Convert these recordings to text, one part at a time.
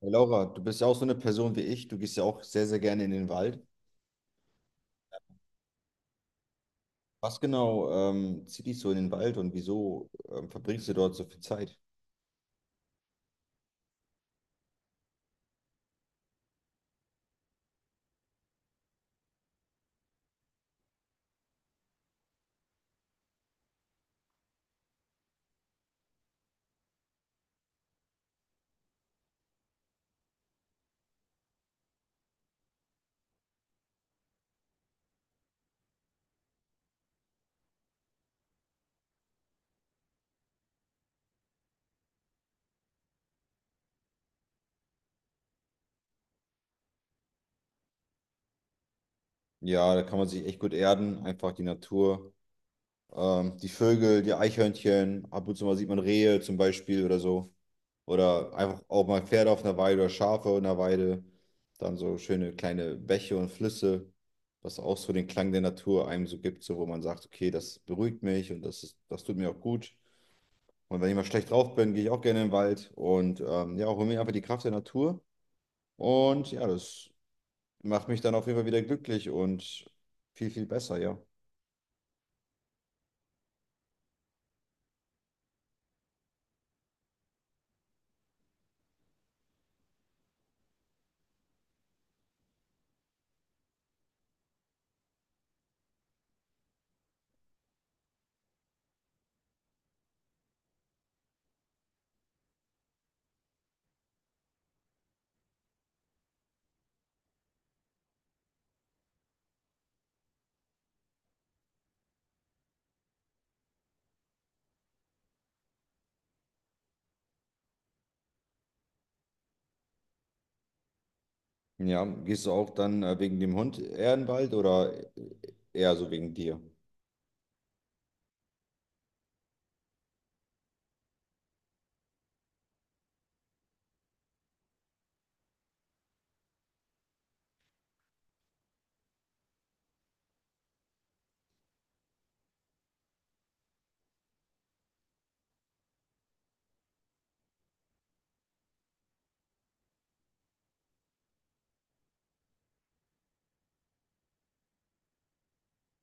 Hey Laura, du bist ja auch so eine Person wie ich. Du gehst ja auch sehr, sehr gerne in den Wald. Was genau zieht dich so in den Wald und wieso verbringst du dort so viel Zeit? Ja, da kann man sich echt gut erden. Einfach die Natur, die Vögel, die Eichhörnchen. Ab und zu mal sieht man Rehe zum Beispiel oder so. Oder einfach auch mal Pferde auf einer Weide oder Schafe in der Weide. Dann so schöne kleine Bäche und Flüsse, was auch so den Klang der Natur einem so gibt, so wo man sagt, okay, das beruhigt mich und das tut mir auch gut. Und wenn ich mal schlecht drauf bin, gehe ich auch gerne in den Wald und ja, hole mir einfach die Kraft der Natur. Und ja, das macht mich dann auf jeden Fall wieder glücklich und viel, viel besser, ja. Ja, gehst du auch dann wegen dem Hund eher in den Wald oder eher so wegen dir?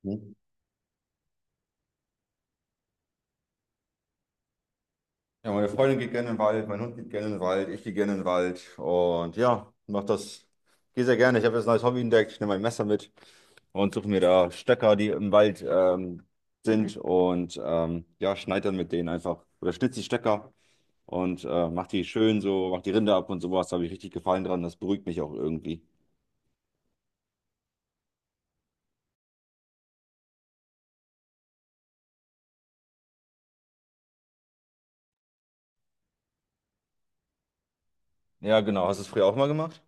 Hm? Ja, meine Freundin geht gerne in den Wald, mein Hund geht gerne in den Wald, ich gehe gerne in den Wald. Und ja, mach das. Gehe sehr gerne. Ich habe jetzt ein neues Hobby entdeckt. Ich nehme mein Messer mit und suche mir da Stöcker, die im Wald sind. Und ja, schneide dann mit denen einfach. Oder schnitz die Stöcker und mach die schön so, mach die Rinde ab und sowas. Da habe ich richtig Gefallen dran. Das beruhigt mich auch irgendwie. Ja, genau. Hast du es früher auch mal gemacht?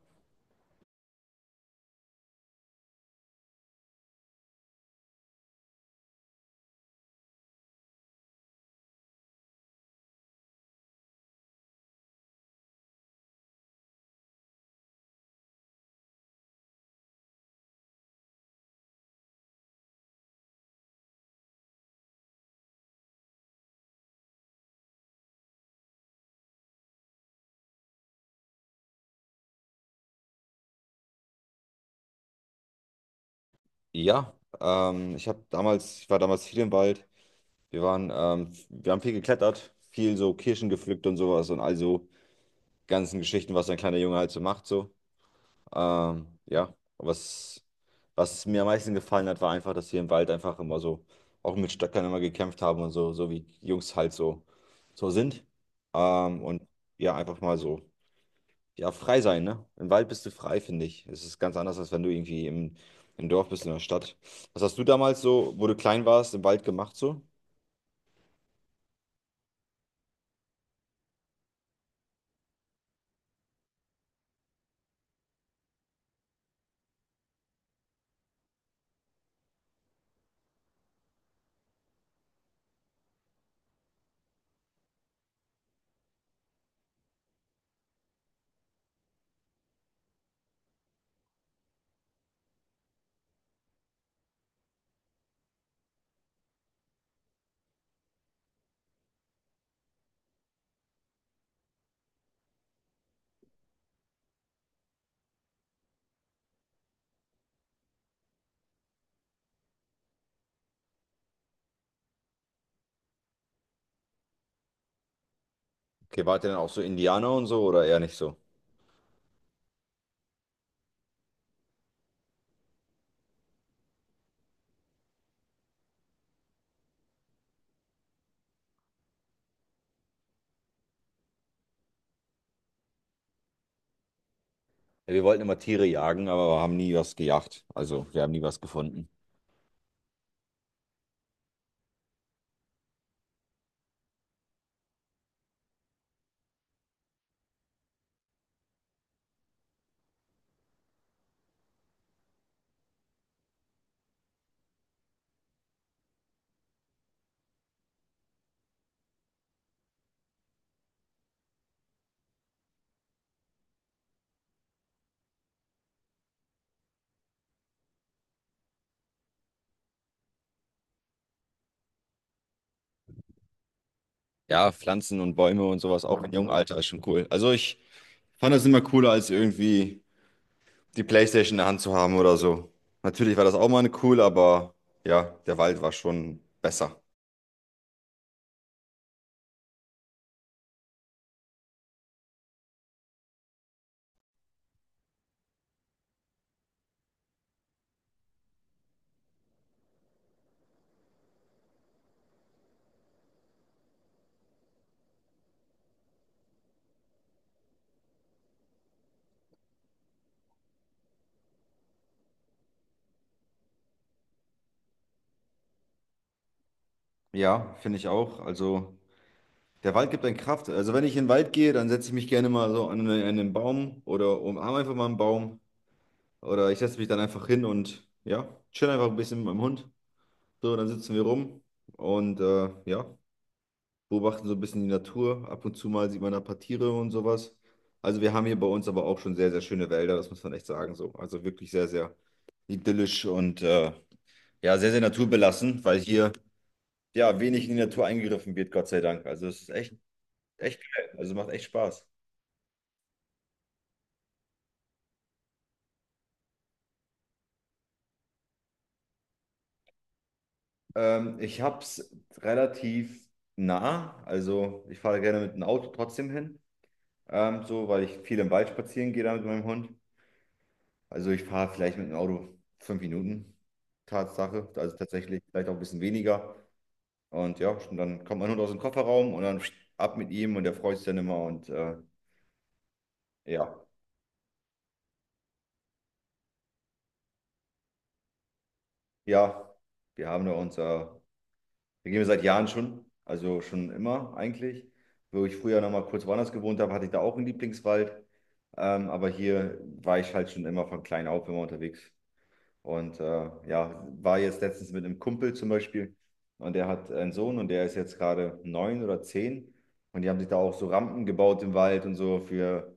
Ja, ich habe damals, ich war damals viel im Wald. Wir haben viel geklettert, viel so Kirschen gepflückt und sowas und also ganzen Geschichten, was ein kleiner Junge halt so macht, so. Ja, was mir am meisten gefallen hat, war einfach, dass wir im Wald einfach immer so, auch mit Stöckern immer gekämpft haben und so, so wie Jungs halt so, so sind. Und ja, einfach mal so, ja, frei sein, ne? Im Wald bist du frei, finde ich. Es ist ganz anders, als wenn du irgendwie im Dorf bist, in der Stadt. Was hast du damals so, wo du klein warst, im Wald gemacht so? Okay, wart ihr dann auch so Indianer und so oder eher nicht so? Ja, wir wollten immer Tiere jagen, aber wir haben nie was gejagt. Also wir haben nie was gefunden. Ja, Pflanzen und Bäume und sowas auch im jungen Alter ist schon cool. Also ich fand das immer cooler, als irgendwie die PlayStation in der Hand zu haben oder so. Natürlich war das auch mal cool, aber ja, der Wald war schon besser. Ja, finde ich auch. Also der Wald gibt einen Kraft. Also wenn ich in den Wald gehe, dann setze ich mich gerne mal so an an einen Baum oder umarme einfach mal einen Baum. Oder ich setze mich dann einfach hin und ja, chill einfach ein bisschen mit meinem Hund. So, dann sitzen wir rum und ja, beobachten so ein bisschen die Natur. Ab und zu mal sieht man da ein paar Tiere und sowas. Also wir haben hier bei uns aber auch schon sehr, sehr schöne Wälder, das muss man echt sagen so. Also wirklich sehr, sehr idyllisch und ja, sehr, sehr naturbelassen, weil hier ja wenig in die Natur eingegriffen wird, Gott sei Dank. Also es ist echt, echt geil. Also macht echt Spaß. Ich habe es relativ nah, also ich fahre gerne mit dem Auto trotzdem hin, so, weil ich viel im Wald spazieren gehe da mit meinem Hund. Also ich fahre vielleicht mit dem Auto 5 Minuten, Tatsache. Also tatsächlich vielleicht auch ein bisschen weniger. Und ja, und dann kommt mein Hund aus dem Kofferraum und dann ab mit ihm und der freut sich dann immer. Und ja, ja, wir haben da unser, wir gehen wir seit Jahren schon, also schon immer eigentlich. Wo ich früher noch mal kurz woanders gewohnt habe, hatte ich da auch einen Lieblingswald. Aber hier war ich halt schon immer von klein auf immer unterwegs. Und ja, war jetzt letztens mit einem Kumpel zum Beispiel und der hat einen Sohn und der ist jetzt gerade 9 oder 10 und die haben sich da auch so Rampen gebaut im Wald und so für,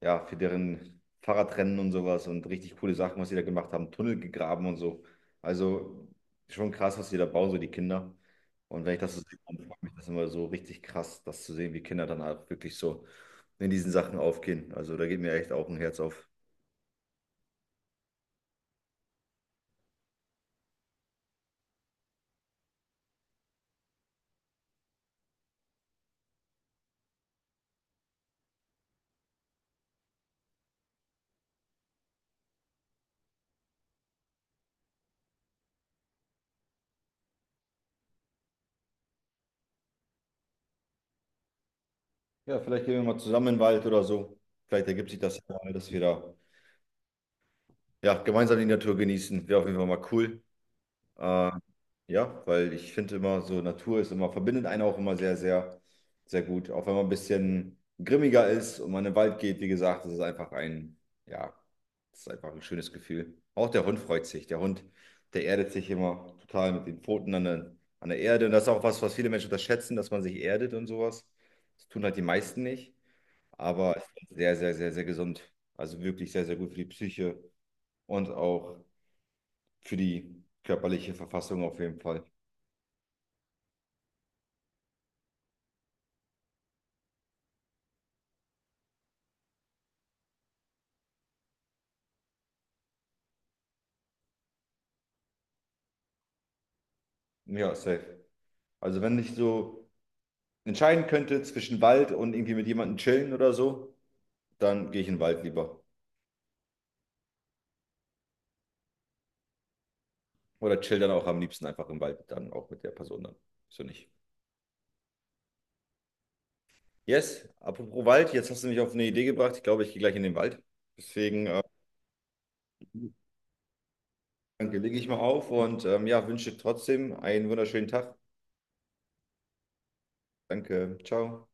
ja, für deren Fahrradrennen und sowas und richtig coole Sachen, was sie da gemacht haben, Tunnel gegraben und so. Also schon krass, was die da bauen, so die Kinder. Und wenn ich das so sehe, dann freut mich das immer so richtig krass, das zu sehen, wie Kinder dann halt wirklich so in diesen Sachen aufgehen. Also da geht mir echt auch ein Herz auf. Ja, vielleicht gehen wir mal zusammen in den Wald oder so. Vielleicht ergibt sich das ja mal, dass wir da ja, gemeinsam die Natur genießen. Wäre auf jeden Fall mal cool. Äh, ja, weil ich finde immer so, Natur ist immer, verbindet einen auch immer sehr, sehr, sehr gut. Auch wenn man ein bisschen grimmiger ist und man in den Wald geht, wie gesagt, das ist einfach ein, ja, das ist einfach ein schönes Gefühl. Auch der Hund freut sich. Der Hund, der erdet sich immer total mit den Pfoten an an der Erde. Und das ist auch was, was viele Menschen unterschätzen, dass man sich erdet und sowas. Das tun halt die meisten nicht, aber es ist sehr, sehr, sehr, sehr gesund. Also wirklich sehr, sehr gut für die Psyche und auch für die körperliche Verfassung auf jeden Fall. Ja, safe. Also wenn ich so entscheiden könnte zwischen Wald und irgendwie mit jemandem chillen oder so, dann gehe ich in den Wald lieber. Oder chill dann auch am liebsten einfach im Wald, dann auch mit der Person dann. So nicht. Yes, apropos Wald, jetzt hast du mich auf eine Idee gebracht. Ich glaube, ich gehe gleich in den Wald. Deswegen danke, lege ich mal auf und ja, wünsche trotzdem einen wunderschönen Tag. Danke, ciao.